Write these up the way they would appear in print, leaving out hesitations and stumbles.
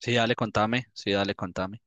Sí, dale, contame,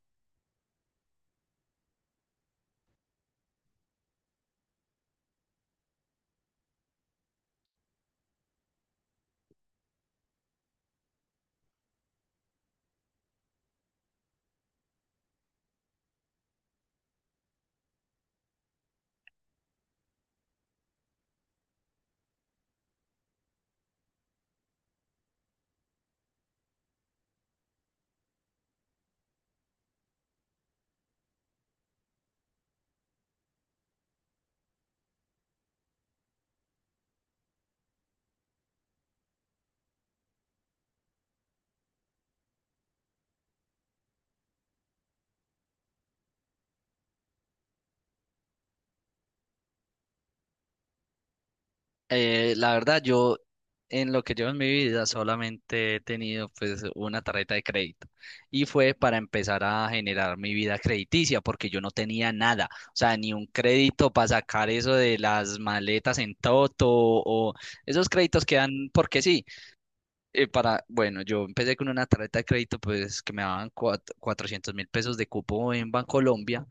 La verdad, yo en lo que llevo en mi vida solamente he tenido pues una tarjeta de crédito, y fue para empezar a generar mi vida crediticia porque yo no tenía nada, o sea, ni un crédito para sacar eso de las maletas en Toto o esos créditos que dan porque sí. Bueno, yo empecé con una tarjeta de crédito pues que me daban 400 mil pesos de cupo en Bancolombia.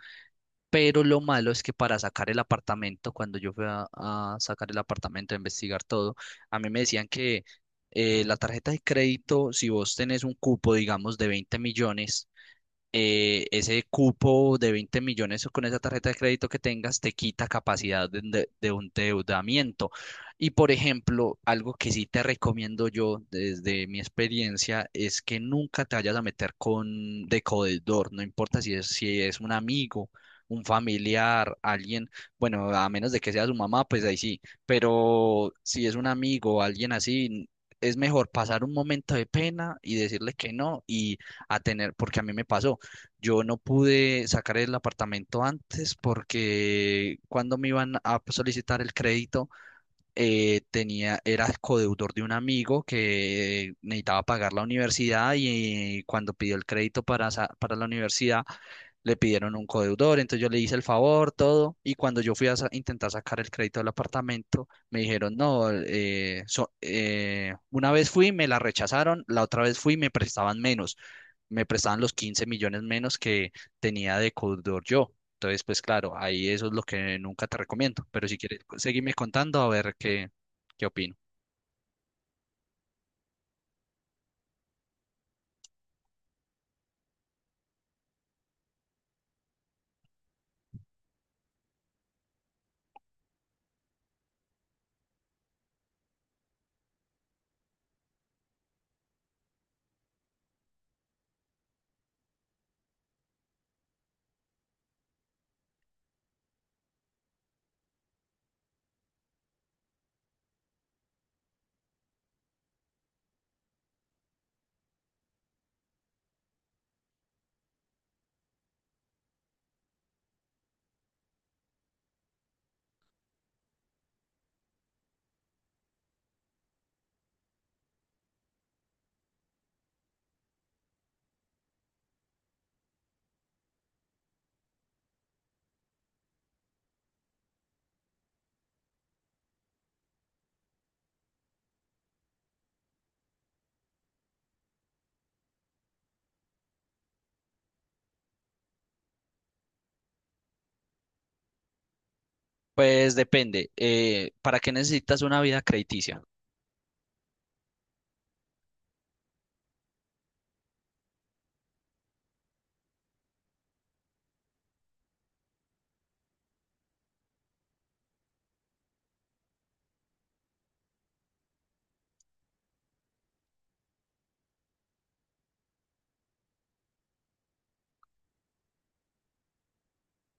Pero lo malo es que para sacar el apartamento, cuando yo fui a sacar el apartamento, a investigar todo, a mí me decían que la tarjeta de crédito, si vos tenés un cupo, digamos, de 20 millones, ese cupo de 20 millones con esa tarjeta de crédito que tengas te quita capacidad de un endeudamiento. Y por ejemplo, algo que sí te recomiendo yo desde mi experiencia es que nunca te vayas a meter con de deudor, no importa si es un amigo, un familiar, alguien. Bueno, a menos de que sea su mamá, pues ahí sí, pero si es un amigo o alguien así, es mejor pasar un momento de pena y decirle que no y a tener, porque a mí me pasó. Yo no pude sacar el apartamento antes porque cuando me iban a solicitar el crédito, tenía, era codeudor de un amigo que necesitaba pagar la universidad, y cuando pidió el crédito para, para la universidad, le pidieron un codeudor, entonces yo le hice el favor, todo, y cuando yo fui a intentar sacar el crédito del apartamento, me dijeron, no, una vez fui, me la rechazaron, la otra vez fui, me prestaban menos, me prestaban los 15 millones menos que tenía de codeudor yo. Entonces, pues claro, ahí eso es lo que nunca te recomiendo, pero si quieres, seguirme contando a ver qué, qué opino. Pues depende, ¿para qué necesitas una vida crediticia?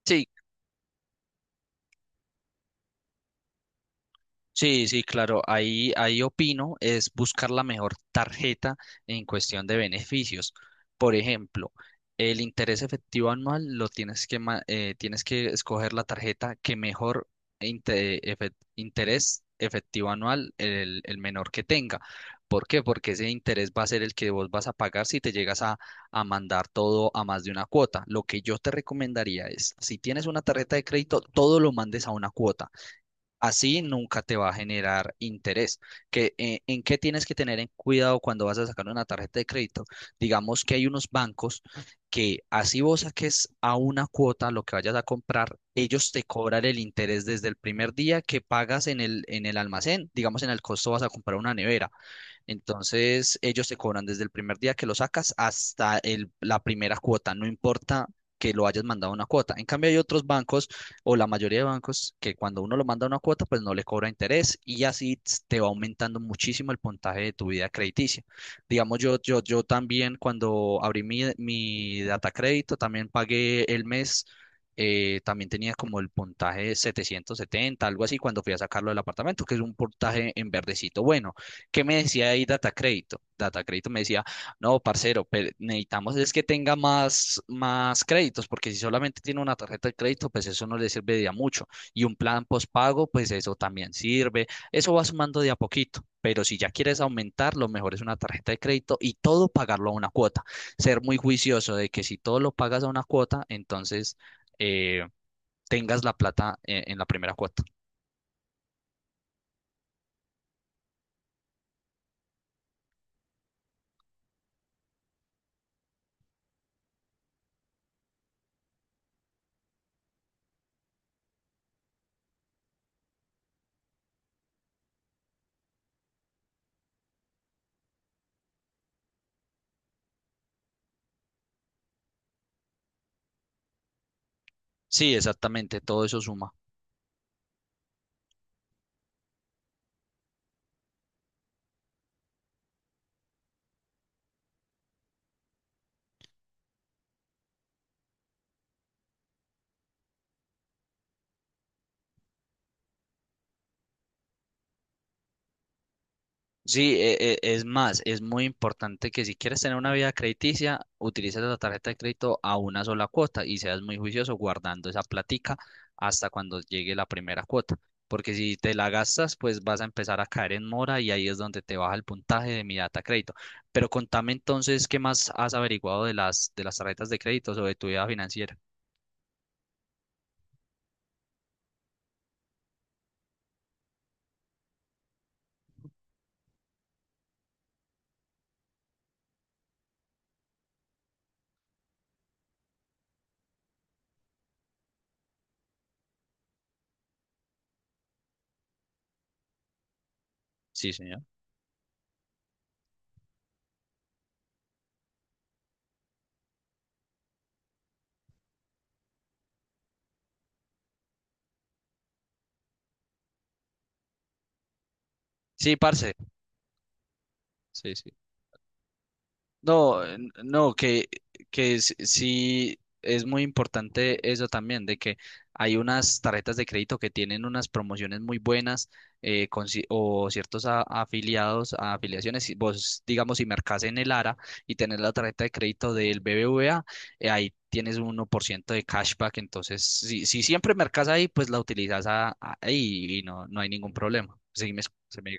Sí, sí, sí, claro, ahí opino es buscar la mejor tarjeta en cuestión de beneficios. Por ejemplo, el interés efectivo anual lo tienes que, tienes que escoger la tarjeta que mejor interés efectivo anual, el menor que tenga. ¿Por qué? Porque ese interés va a ser el que vos vas a pagar si te llegas a mandar todo a más de una cuota. Lo que yo te recomendaría es, si tienes una tarjeta de crédito, todo lo mandes a una cuota. Así nunca te va a generar interés. Que, ¿en qué tienes que tener en cuidado cuando vas a sacar una tarjeta de crédito? Digamos que hay unos bancos que así vos saques a una cuota lo que vayas a comprar, ellos te cobran el interés desde el primer día que pagas en el almacén. Digamos, en el costo vas a comprar una nevera. Entonces, ellos te cobran desde el primer día que lo sacas hasta el- la primera cuota, no importa que lo hayas mandado una cuota. En cambio, hay otros bancos o la mayoría de bancos que cuando uno lo manda una cuota, pues no le cobra interés y así te va aumentando muchísimo el puntaje de tu vida crediticia. Digamos, yo también cuando abrí mi data crédito, también pagué el mes. Eh, también tenía como el puntaje de 770, algo así, cuando fui a sacarlo del apartamento, que es un puntaje en verdecito bueno. ¿Qué me decía ahí Data Crédito? Data Crédito me decía, no, parcero, necesitamos es que tenga más, más créditos, porque si solamente tiene una tarjeta de crédito, pues eso no le serviría mucho. Y un plan postpago, pues eso también sirve. Eso va sumando de a poquito. Pero si ya quieres aumentar, lo mejor es una tarjeta de crédito y todo pagarlo a una cuota. Ser muy juicioso de que si todo lo pagas a una cuota, entonces eh, tengas la plata, en la primera cuota. Sí, exactamente, todo eso suma. Sí, es más, es muy importante que si quieres tener una vida crediticia, utilices la tarjeta de crédito a una sola cuota y seas muy juicioso guardando esa platica hasta cuando llegue la primera cuota. Porque si te la gastas, pues vas a empezar a caer en mora y ahí es donde te baja el puntaje de mi data crédito. Pero contame entonces, ¿qué más has averiguado de las tarjetas de crédito o de tu vida financiera? Sí, señor. Sí, parce. Sí, sí. No, n- no, que sí es muy importante eso también, de que hay unas tarjetas de crédito que tienen unas promociones muy buenas, con ci- o ciertos afiliados, a afiliaciones. Si Vos, digamos, si mercás en el ARA y tenés la tarjeta de crédito del BBVA, ahí tienes un 1% de cashback. Entonces, si siempre mercás ahí, pues la utilizas ahí y no, no hay ningún problema. Seguime, se me...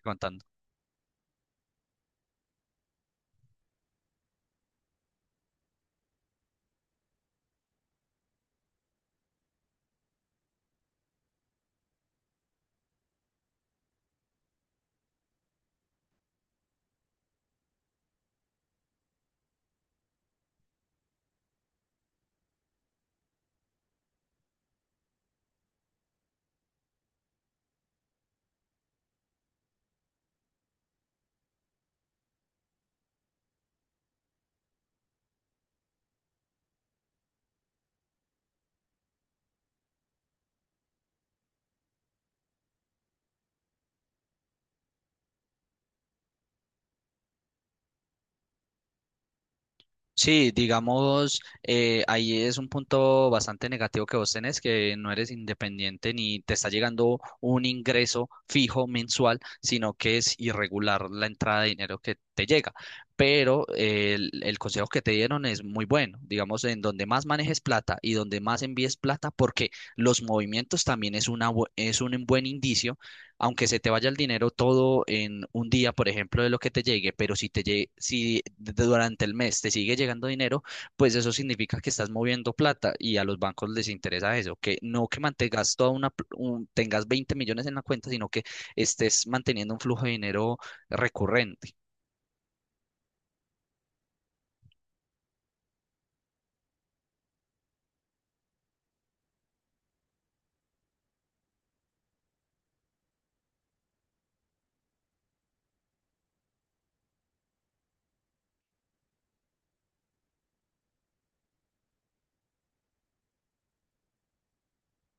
Sí, digamos, ahí es un punto bastante negativo que vos tenés, que no eres independiente ni te está llegando un ingreso fijo mensual, sino que es irregular la entrada de dinero que te llega. Pero el consejo que te dieron es muy bueno, digamos, en donde más manejes plata y donde más envíes plata, porque los movimientos también es un buen indicio, aunque se te vaya el dinero todo en un día, por ejemplo, de lo que te llegue, pero si te llegue, si durante el mes te sigue llegando dinero, pues eso significa que estás moviendo plata y a los bancos les interesa eso, que no que mantengas toda una, pl- un- tengas 20 millones en la cuenta, sino que estés manteniendo un flujo de dinero recurrente.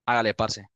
Hágale, parce.